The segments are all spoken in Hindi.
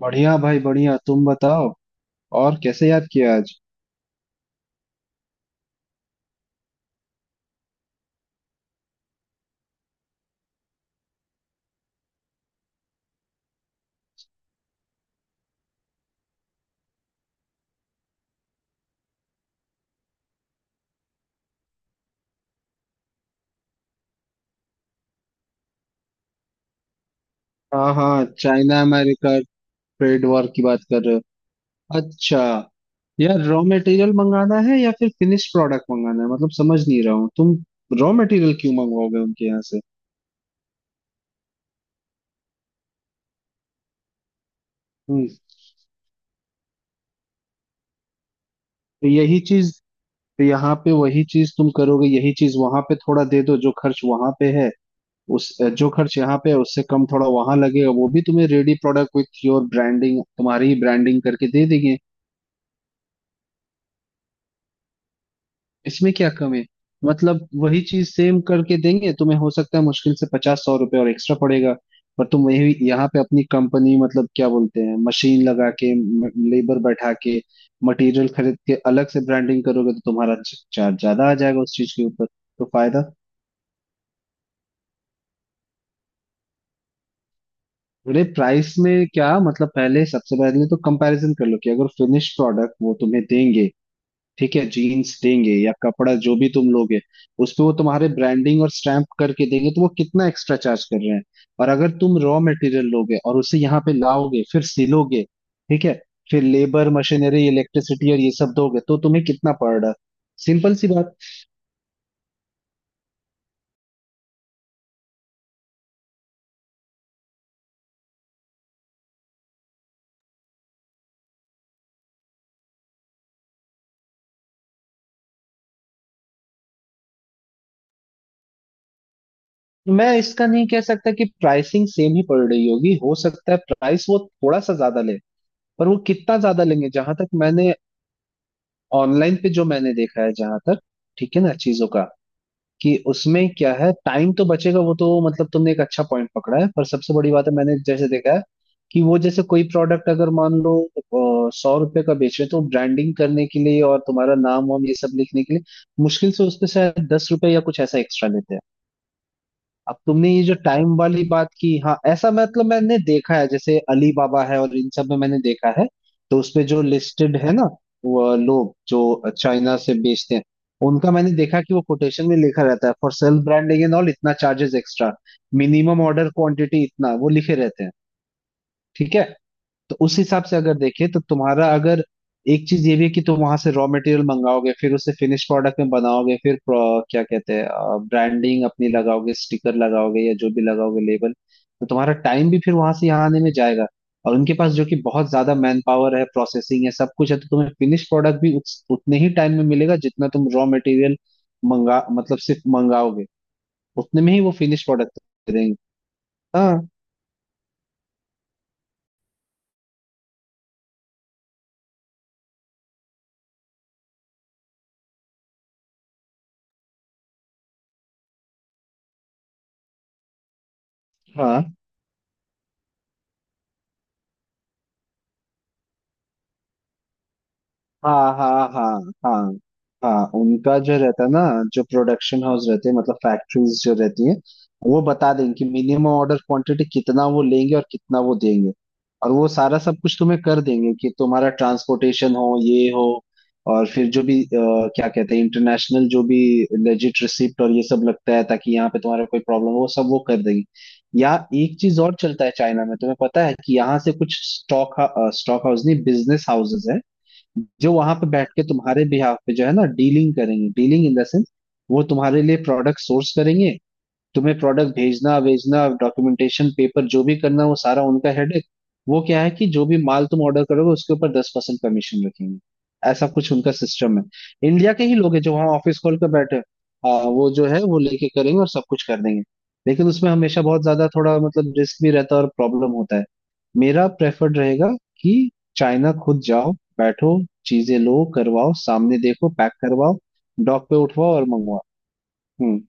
बढ़िया भाई बढ़िया। तुम बताओ और कैसे याद किया आज? हाँ हाँ, चाइना अमेरिका ट्रेड वॉर की बात कर रहे हो। अच्छा। यार, रॉ मटेरियल मंगाना है या फिर फिनिश प्रोडक्ट मंगाना है? मतलब समझ नहीं रहा हूँ तुम। रॉ मटेरियल क्यों मंगवाओगे उनके यहाँ से? हम्म। तो यही चीज तो यहाँ पे वही चीज तुम करोगे, यही चीज वहां पे थोड़ा दे दो। जो खर्च वहां पे है उस जो खर्च यहाँ पे है उससे कम थोड़ा वहां लगेगा। वो भी तुम्हें ready product with your branding, तुम्हारी ही ब्रांडिंग करके दे देंगे। इसमें क्या कम है? मतलब वही चीज सेम करके देंगे तुम्हें, हो सकता है मुश्किल से पचास सौ रुपए और एक्स्ट्रा पड़ेगा। पर तुम वही यहाँ पे अपनी कंपनी, मतलब क्या बोलते हैं, मशीन लगा के, लेबर बैठा के, मटेरियल खरीद के अलग से ब्रांडिंग करोगे तो तुम्हारा चार्ज ज्यादा आ जाएगा उस चीज के ऊपर। तो फायदा? अरे प्राइस में क्या मतलब? पहले सबसे पहले तो कंपैरिजन कर लो, कि अगर फिनिश प्रोडक्ट वो तुम्हें देंगे, ठीक है, जीन्स देंगे या कपड़ा जो भी तुम लोगे, उस पे वो तुम्हारे ब्रांडिंग और स्टैम्प करके देंगे तो वो कितना एक्स्ट्रा चार्ज कर रहे हैं। और अगर तुम रॉ मटेरियल लोगे और उसे यहाँ पे लाओगे, फिर सिलोगे, ठीक है, फिर लेबर मशीनरी इलेक्ट्रिसिटी और ये सब दोगे तो तुम्हें कितना पड़ रहा है? सिंपल सी बात। मैं इसका नहीं कह सकता कि प्राइसिंग सेम ही पड़ रही होगी, हो सकता है प्राइस वो थोड़ा सा ज्यादा ले। पर वो कितना ज्यादा लेंगे, जहां तक मैंने ऑनलाइन पे जो मैंने देखा है, जहां तक, ठीक है ना, चीजों का, कि उसमें क्या है। टाइम तो बचेगा, वो तो मतलब तुमने एक अच्छा पॉइंट पकड़ा है, पर सबसे बड़ी बात है मैंने जैसे देखा है कि वो जैसे कोई प्रोडक्ट अगर मान लो 100 रुपए का बेच रहे हो, तो ब्रांडिंग करने के लिए और तुम्हारा नाम वाम ये सब लिखने के लिए मुश्किल से उस पे शायद 10 रुपए या कुछ ऐसा एक्स्ट्रा लेते हैं। अब तुमने ये जो टाइम वाली बात की, हाँ ऐसा मतलब मैंने देखा है, जैसे अली बाबा है और इन सब में मैंने देखा है। तो उसमें जो लिस्टेड है ना, वो लोग जो चाइना से बेचते हैं, उनका मैंने देखा कि वो कोटेशन में लिखा रहता है, for self branding and all इतना charges extra, minimum order quantity इतना, वो लिखे रहते हैं। ठीक है। तो उस हिसाब से अगर देखें तो तुम्हारा अगर, एक चीज ये भी है कि तुम वहां से रॉ मटेरियल मंगाओगे फिर उसे फिनिश प्रोडक्ट में बनाओगे फिर क्या कहते हैं, ब्रांडिंग अपनी लगाओगे स्टिकर लगाओगे या जो भी लगाओगे लेबल, तो तुम्हारा टाइम भी फिर वहां से यहाँ आने में जाएगा। और उनके पास जो कि बहुत ज्यादा मैन पावर है, प्रोसेसिंग है, सब कुछ है, तो तुम्हें फिनिश प्रोडक्ट भी उतने ही टाइम में मिलेगा जितना तुम रॉ मटेरियल मंगा मतलब सिर्फ मंगाओगे, उतने में ही वो फिनिश प्रोडक्ट देंगे। हाँ हाँ हाँ हाँ हाँ हाँ हाँ। उनका जो रहता है ना, जो प्रोडक्शन हाउस रहते हैं, मतलब फैक्ट्रीज जो रहती हैं, वो बता देंगे कि मिनिमम ऑर्डर क्वांटिटी कितना वो लेंगे और कितना वो देंगे, और वो सारा सब कुछ तुम्हें कर देंगे, कि तुम्हारा ट्रांसपोर्टेशन हो, ये हो, और फिर जो भी क्या कहते हैं इंटरनेशनल जो भी लेजिट रिसिप्ट और ये सब लगता है ताकि यहाँ पे तुम्हारा कोई प्रॉब्लम हो, वो सब वो कर देंगे। या एक चीज और चलता है चाइना में, तुम्हें पता है कि यहाँ से कुछ स्टॉक स्टॉक हाउस नहीं, बिजनेस हाउसेज जो वहां पे बैठ के तुम्हारे बिहाफ पे जो है ना डीलिंग करेंगे, डीलिंग इन द सेंस वो तुम्हारे लिए प्रोडक्ट सोर्स करेंगे, तुम्हें प्रोडक्ट भेजना भेजना डॉक्यूमेंटेशन पेपर जो भी करना वो सारा उनका हेडेक। वो क्या है कि जो भी माल तुम ऑर्डर करोगे उसके ऊपर 10% कमीशन रखेंगे, ऐसा कुछ उनका सिस्टम है। इंडिया के ही लोग हैं जो वहाँ ऑफिस खोल कर बैठे हैं। वो जो है वो लेके करेंगे और सब कुछ कर देंगे। लेकिन उसमें हमेशा बहुत ज्यादा थोड़ा मतलब रिस्क भी रहता है और प्रॉब्लम होता है। मेरा प्रेफर्ड रहेगा कि चाइना खुद जाओ, बैठो, चीजें लो, करवाओ, सामने देखो, पैक करवाओ, डॉक पे उठवाओ और मंगवाओ। हम्म।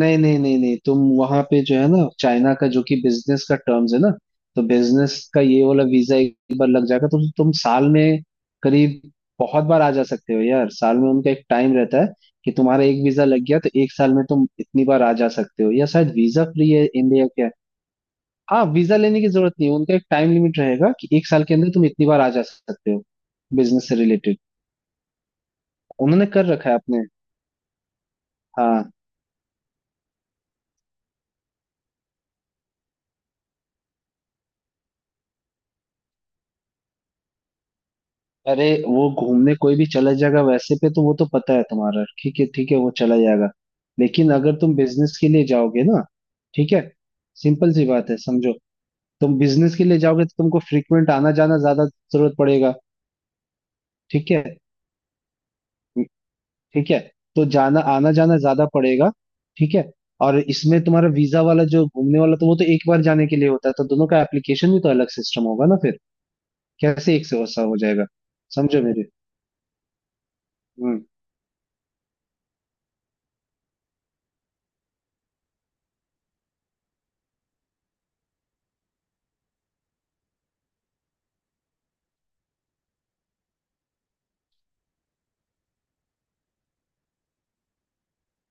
नहीं नहीं नहीं नहीं, तुम वहां पे जो है ना, चाइना का जो कि बिजनेस का टर्म्स है ना, तो बिजनेस का ये वाला वीजा एक बार लग जाएगा तो तुम साल में करीब बहुत बार आ जा सकते हो यार। साल में उनका एक टाइम रहता है कि तुम्हारा एक वीजा लग गया तो एक साल में तुम इतनी बार आ जा सकते हो, या शायद वीजा फ्री है इंडिया क्या है। हाँ, वीजा लेने की जरूरत नहीं है, उनका एक टाइम लिमिट रहेगा कि एक साल के अंदर तुम इतनी बार आ जा सकते हो, बिजनेस से रिलेटेड। उन्होंने कर रखा है अपने। हाँ। अरे वो घूमने कोई भी चला जाएगा वैसे पे, तो वो तो पता है तुम्हारा, ठीक है वो चला जाएगा। लेकिन अगर तुम बिजनेस के लिए जाओगे ना, ठीक है, सिंपल सी बात है समझो। तुम बिजनेस के लिए जाओगे तो तुमको फ्रीक्वेंट आना जाना ज्यादा जरूरत पड़ेगा। ठीक है। ठीक है। तो जाना आना जाना ज्यादा पड़ेगा। ठीक है। और इसमें तुम्हारा वीजा वाला जो घूमने वाला तो वो तो एक बार जाने के लिए होता है, तो दोनों का एप्लीकेशन भी तो अलग सिस्टम होगा ना फिर, कैसे एक से वैसा हो जाएगा? समझो मेरे। हम्म।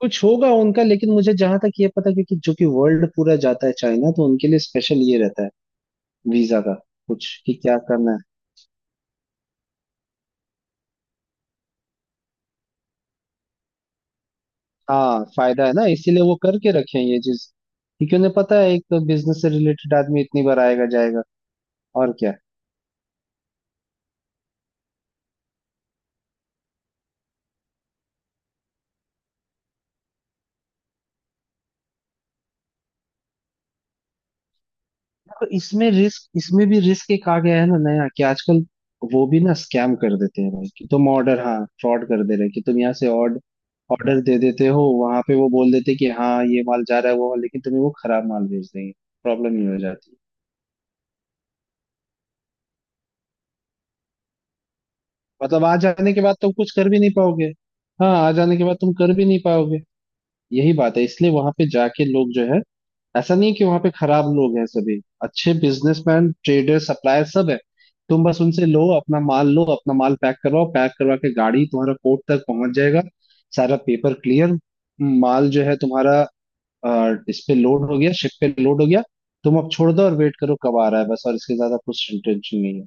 कुछ होगा उनका, लेकिन मुझे जहां तक ये पता है, क्योंकि जो कि वर्ल्ड पूरा जाता है चाइना, तो उनके लिए स्पेशल ये रहता है वीजा का कुछ, कि क्या करना है। हाँ, फायदा है ना, इसीलिए वो करके रखे हैं ये चीज, क्योंकि उन्हें पता है एक तो बिजनेस से रिलेटेड आदमी इतनी बार आएगा जाएगा और क्या। तो इसमें भी रिस्क एक आ गया है ना नया, कि आजकल वो भी ना स्कैम कर देते हैं भाई, कि तुम ऑर्डर, हाँ फ्रॉड कर दे रहे हैं, कि तुम यहाँ से ऑर्डर दे देते हो, वहां पे वो बोल देते हैं कि हाँ ये माल जा रहा है वो माल, लेकिन तुम्हें वो खराब माल भेज देंगे, प्रॉब्लम ही हो जाती है। मतलब आ जाने के बाद तुम कुछ कर भी नहीं पाओगे। हाँ, आ जाने के बाद तुम कर भी नहीं पाओगे। यही बात है, इसलिए वहां पे जाके लोग जो है, ऐसा नहीं है कि वहां पे खराब लोग हैं, सभी अच्छे बिजनेसमैन ट्रेडर सप्लायर सब है। तुम बस उनसे लो अपना माल, लो अपना माल पैक करवाओ, पैक करवा के गाड़ी तुम्हारा कोर्ट तक पहुंच जाएगा, सारा पेपर क्लियर, माल जो है तुम्हारा इस पे लोड हो गया, शिप पे लोड हो गया, तुम अब छोड़ दो और वेट करो कब आ रहा है बस, और इसके ज्यादा कुछ टेंशन नहीं है।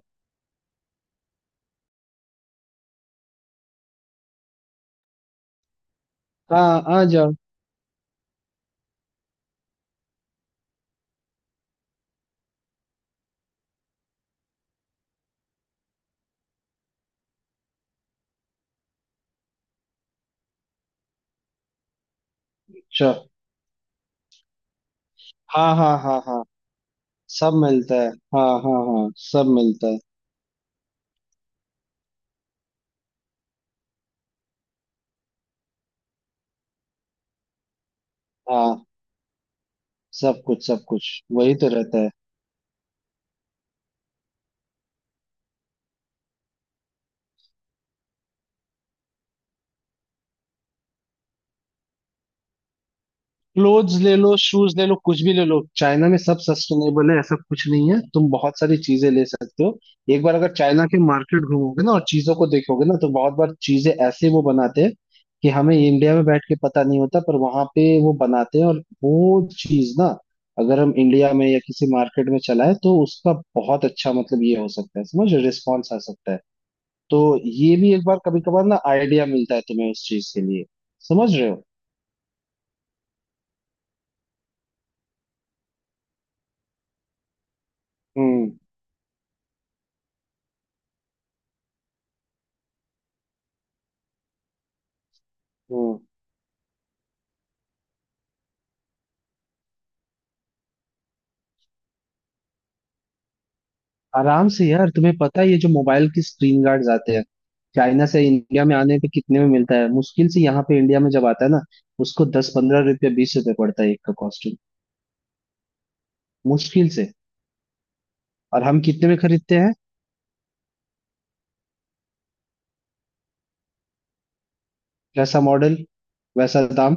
हाँ आ जाओ। चलो। हाँ हाँ हाँ हाँ सब मिलता है। हाँ हाँ हाँ सब मिलता है। हाँ, सब कुछ सब कुछ, वही तो रहता है। क्लोथ्स ले लो, शूज ले लो, कुछ भी ले लो, चाइना में सब सस्टेनेबल है ऐसा कुछ नहीं है, तुम बहुत सारी चीजें ले सकते हो। एक बार अगर चाइना के मार्केट घूमोगे ना और चीजों को देखोगे ना, तो बहुत बार चीजें ऐसे वो बनाते हैं कि हमें इंडिया में बैठ के पता नहीं होता, पर वहां पे वो बनाते हैं, और वो चीज ना अगर हम इंडिया में या किसी मार्केट में चलाएं तो उसका बहुत अच्छा मतलब ये हो सकता है, समझ रिस्पॉन्स आ सकता है। तो ये भी एक बार कभी कभार ना आइडिया मिलता है तुम्हें उस चीज के लिए, समझ रहे हो? हम्म। हम्म। आराम से यार। तुम्हें पता है ये जो मोबाइल की स्क्रीन गार्ड्स आते हैं चाइना से इंडिया में आने पे कितने में मिलता है? मुश्किल से, यहाँ पे इंडिया में जब आता है ना, उसको 10-15 रुपया 20 रुपये पड़ता है एक का कॉस्ट्यूम, मुश्किल से। और हम कितने में खरीदते हैं? जैसा मॉडल वैसा दाम।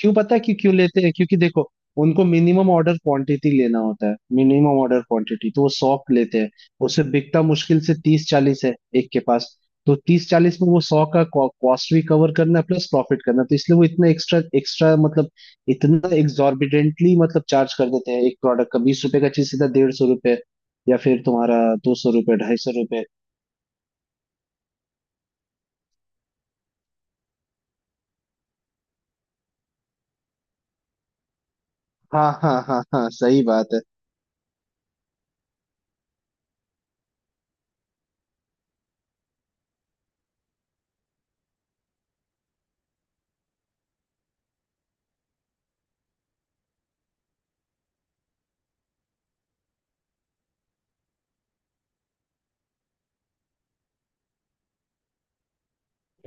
क्यों पता है क्यों क्यों लेते हैं? क्योंकि देखो, उनको मिनिमम ऑर्डर क्वांटिटी लेना होता है, मिनिमम ऑर्डर क्वांटिटी तो वो 100 लेते हैं। उसे बिकता मुश्किल से 30-40 है एक के पास, तो 30-40 में वो 100 का कॉस्ट भी कवर करना है प्लस प्रॉफिट करना है। तो इसलिए वो इतना एक्स्ट्रा एक्स्ट्रा मतलब इतना एग्जॉर्बिडेंटली मतलब चार्ज कर देते हैं, एक प्रोडक्ट का 20 रुपए का चीज सीधा 150 रुपए या फिर तुम्हारा 200 रुपए 250 रुपए। हाँ हाँ हाँ हाँ सही बात है।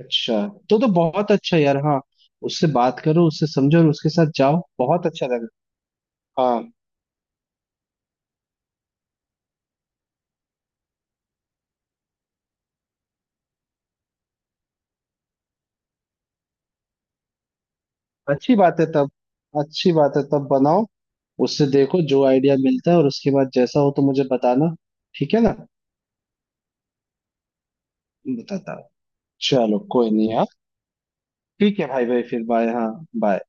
अच्छा तो बहुत अच्छा यार। हाँ उससे बात करो, उससे समझो और उसके साथ जाओ, बहुत अच्छा लगा। हाँ अच्छी बात है तब। अच्छी बात है तब बनाओ। उससे देखो जो आइडिया मिलता है और उसके बाद जैसा हो तो मुझे बताना। ठीक है ना? बताता हूँ। चलो कोई नहीं हाँ। ठीक है भाई भाई, फिर बाय हाँ। बाय।